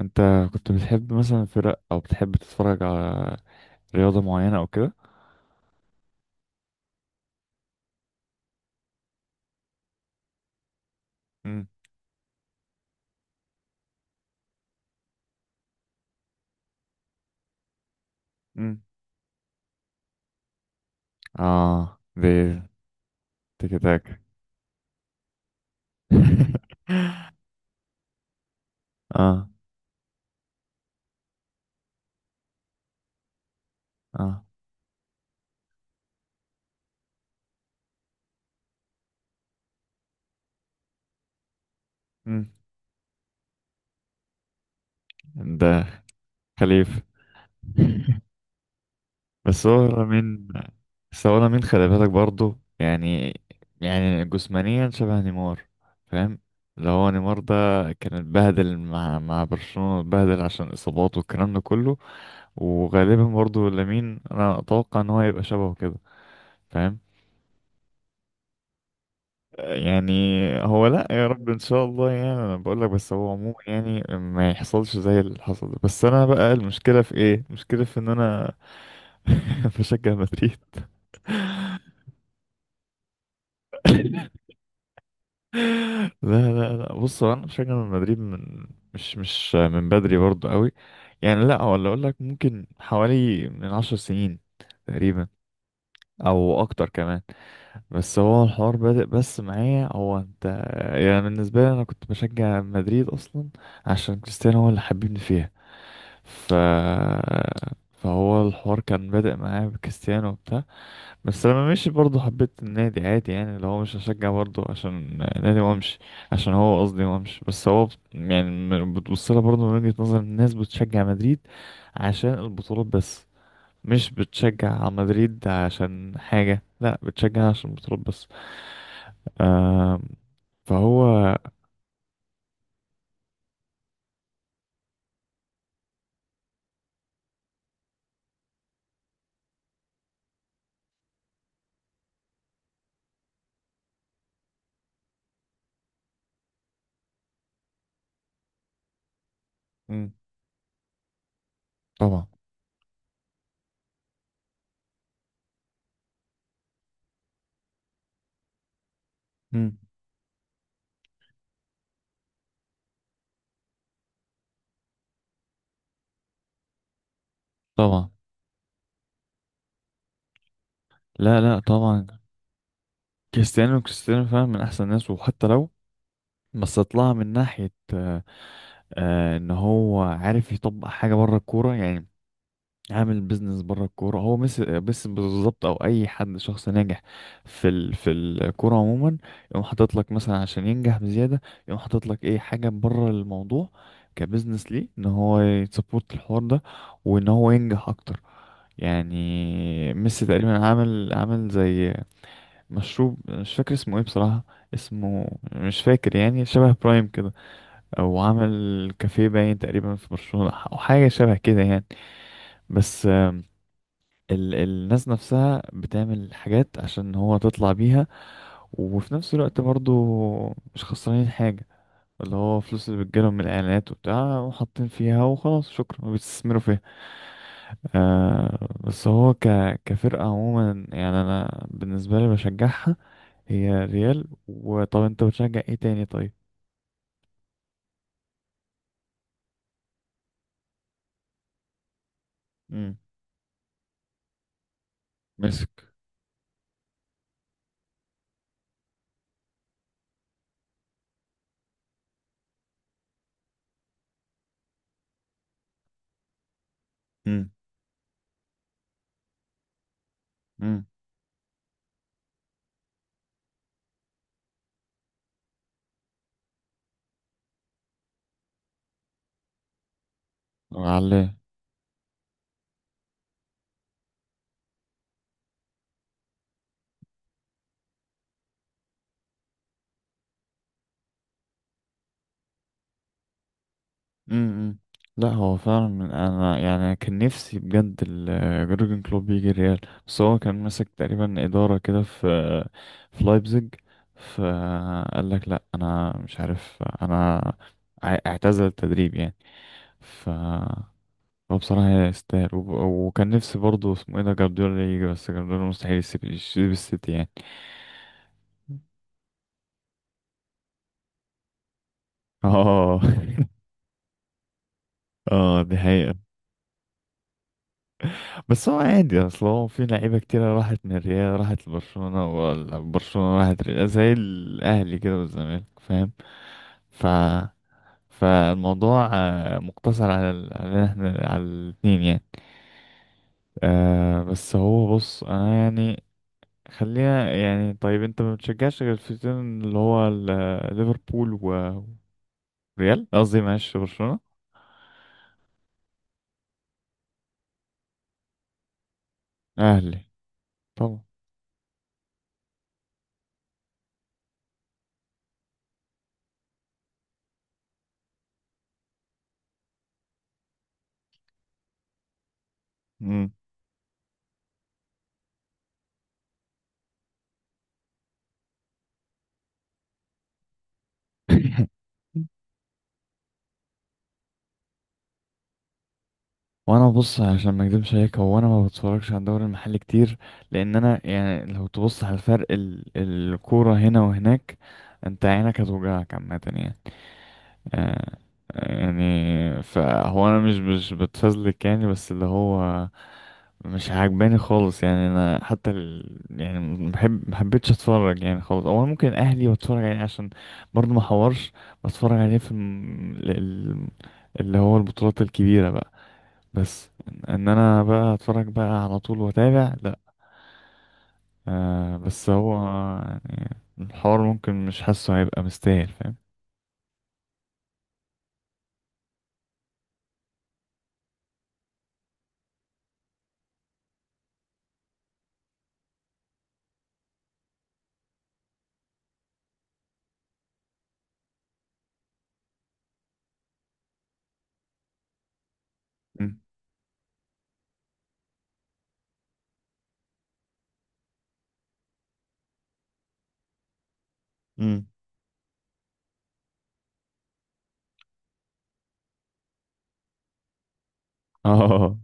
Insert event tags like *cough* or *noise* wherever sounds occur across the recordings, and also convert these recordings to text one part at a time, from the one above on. انت كنت بتحب مثلا فرق، او بتحب تتفرج على رياضة معينة او كده؟ امم. امم. اه، دي. تيكي تاك. *laughs* اه. اه. امم. ده خليف. *laughs* بس هو لامين. بس هو لامين، خلي بالك برضه يعني، يعني جسمانيا شبه نيمار، فاهم؟ اللي هو نيمار ده كان اتبهدل مع برشلونة، اتبهدل عشان اصاباته والكلام ده كله. وغالبا برضو لامين انا اتوقع ان هو هيبقى شبهه كده، فاهم؟ يعني هو لا، يا رب ان شاء الله. يعني انا بقول لك، بس هو عموما يعني ما يحصلش زي اللي حصل ده. بس انا بقى المشكله في ايه؟ المشكله في ان انا *laughs* بشجع مدريد. لا لا لا، بص هو انا بشجع مدريد من، مش من بدري برضو قوي، يعني لا، ولا اقول لك ممكن حوالي من 10 سنين تقريبا، او اكتر كمان. بس هو الحوار بادئ بس معايا هو انت. يعني بالنسبة لي انا كنت بشجع مدريد اصلا عشان كريستيانو هو اللي حببني فيها. ف فهو الحوار كان بادئ معايا بكريستيانو وبتاع، بس لما مشي برضه حبيت النادي عادي، يعني اللي هو مش هشجع برضه عشان نادي وامشي، عشان هو قصدي وامشي. بس هو يعني بتبصلها برضه من وجهة نظر الناس بتشجع مدريد عشان البطولات بس، مش بتشجع مدريد عشان حاجة، لا بتشجع عشان البطولات بس. آه، فهو. مم. طبعا. مم. طبعا. لا لا طبعا. كريستيانو، كريستيانو فعلا من احسن الناس، وحتى لو، بس طلع من ناحية آه، آه ان هو عارف يطبق حاجة بره الكورة يعني، عامل بيزنس بره الكوره. هو مس بس بالظبط، او اي حد شخص ناجح في في الكوره عموما يقوم حاطط لك مثلا عشان ينجح بزياده، يقوم حاطط لك ايه حاجه بره الموضوع، كبزنس ليه ان هو يسبورت الحوار ده وان هو ينجح اكتر يعني. ميسي تقريبا عامل زي مشروب مش فاكر اسمه ايه بصراحة، اسمه مش فاكر، يعني شبه برايم كده، او عامل كافيه باين تقريبا في برشلونة او حاجة شبه كده يعني. بس ال الناس نفسها بتعمل حاجات عشان هو تطلع بيها، وفي نفس الوقت برضو مش خسرانين حاجة، اللي هو فلوس اللي بتجيلهم من الإعلانات وبتاع وحاطين فيها وخلاص شكرا وبيستثمروا فيها. آه بس هو كفرقة عموما يعني أنا بالنسبة لي بشجعها، هي ريال. وطب أنت بتشجع إيه تاني طيب؟ مم. مسك. امم. امم. علاه. امم. امم. لا هو فعلا من، انا يعني أنا كان نفسي بجد جورجن كلوب يجي الريال، بس هو كان ماسك تقريبا اداره كده في في لايبزيج، فقال لك لا انا مش عارف، انا اعتزل التدريب يعني. ف هو بصراحه يستاهل، وكان نفسي برضه اسمه ايه ده جارديولا يجي، بس جارديولا مستحيل يسيب السيتي يعني. اه *laughs* اه دي حقيقة. بس هو عادي اصل هو في لعيبة كتيرة راحت من الريال راحت لبرشلونة، ولا برشلونة راحت ريال، زي الأهلي كده والزمالك، فاهم؟ ف فالموضوع آه، مقتصر على على احنا على الاتنين يعني. آه بس هو، بص انا يعني، خلينا يعني، طيب انت ما بتشجعش غير الفريقين اللي هو ليفربول وريال، قصدي معلش برشلونة. اهلي. طبعا. مم. *laughs* وانا بص عشان ما اكدبش عليك، هو انا ما بتفرجش على الدوري المحلي كتير، لان انا يعني لو تبص على الفرق، ال الكوره هنا وهناك، انت عينك هتوجعك عامه يعني. آه يعني فهو انا مش بتفزلك يعني، بس اللي هو مش عاجباني خالص يعني، انا حتى ال يعني محبتش اتفرج يعني خالص، او أنا ممكن اهلي بتفرج عليه عشان برضه ما حورش، بتفرج عليه في اللي هو البطولات الكبيره بقى، بس ان إن انا بقى اتفرج بقى على طول واتابع، لا. آه بس هو يعني الحوار ممكن مش حاسه هيبقى مستاهل، فاهم؟ مم. امم. *laughs* اه،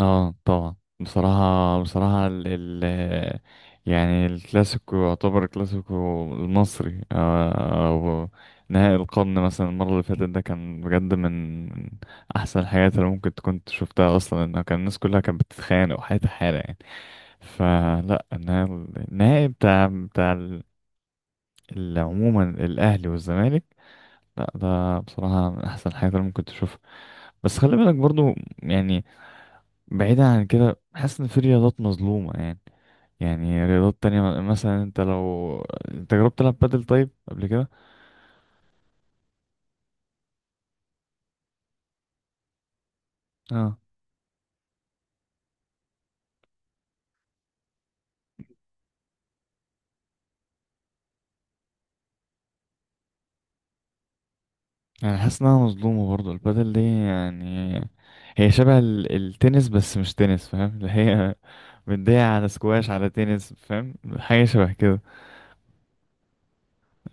اه طبعا، بصراحة بصراحة ال ال، يعني الكلاسيكو، يعتبر الكلاسيكو المصري آه، أو نهائي القرن مثلا المرة اللي فاتت، ده كان بجد من من أحسن الحاجات اللي ممكن تكون شفتها أصلا. إنه كان الناس كلها كانت بتتخانق وحياتها حالة يعني. فلا انا، النهائي بتاع عموما الاهلي والزمالك، لا ده بصراحه من احسن الحاجات اللي ممكن تشوفها. بس خلي بالك برضو يعني، بعيدا عن كده، حاسس ان في رياضات مظلومه يعني. يعني رياضات تانية مثلا انت لو، انت جربت تلعب بادل طيب قبل كده؟ اه. يعني حاسس انها مظلومه برضو البادل دي يعني، هي شبه التنس بس مش تنس، فاهم؟ اللي هي *laughs* مدية على سكواش على تنس، فاهم؟ حاجه شبه كده.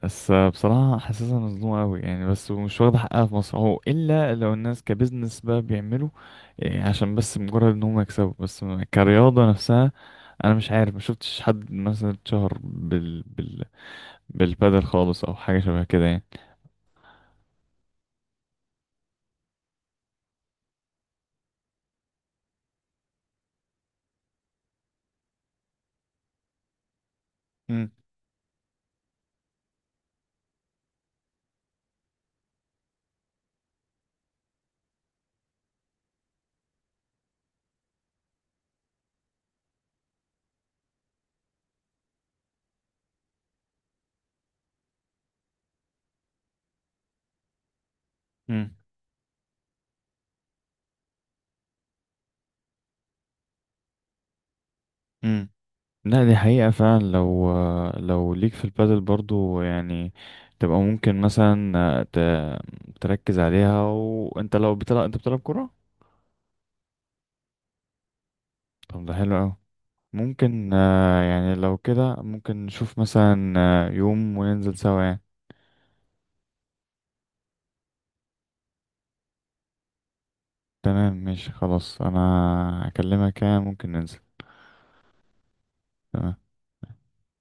بس بصراحة حاسسها مظلومة أوي يعني، بس ومش واخدة حقها في مصر، هو إلا لو الناس كبزنس بقى بيعملوا إيه، عشان بس مجرد إن هم يكسبوا بس، كرياضة نفسها أنا مش عارف ما شفتش حد مثلا اتشهر بالبادل خالص أو حاجة شبه كده يعني. مم. مم. مم. لا دي حقيقة فعلا. لو لو ليك في البادل برضو يعني، تبقى ممكن مثلا ت... تركز عليها. وانت لو بتلعب، انت بتلعب كرة؟ طب ده حلو أوي. ممكن آه، يعني لو كده ممكن نشوف مثلا آه، يوم وننزل سوا يعني. تمام ماشي خلاص، انا هكلمك يعني ممكن ننزل. تمام.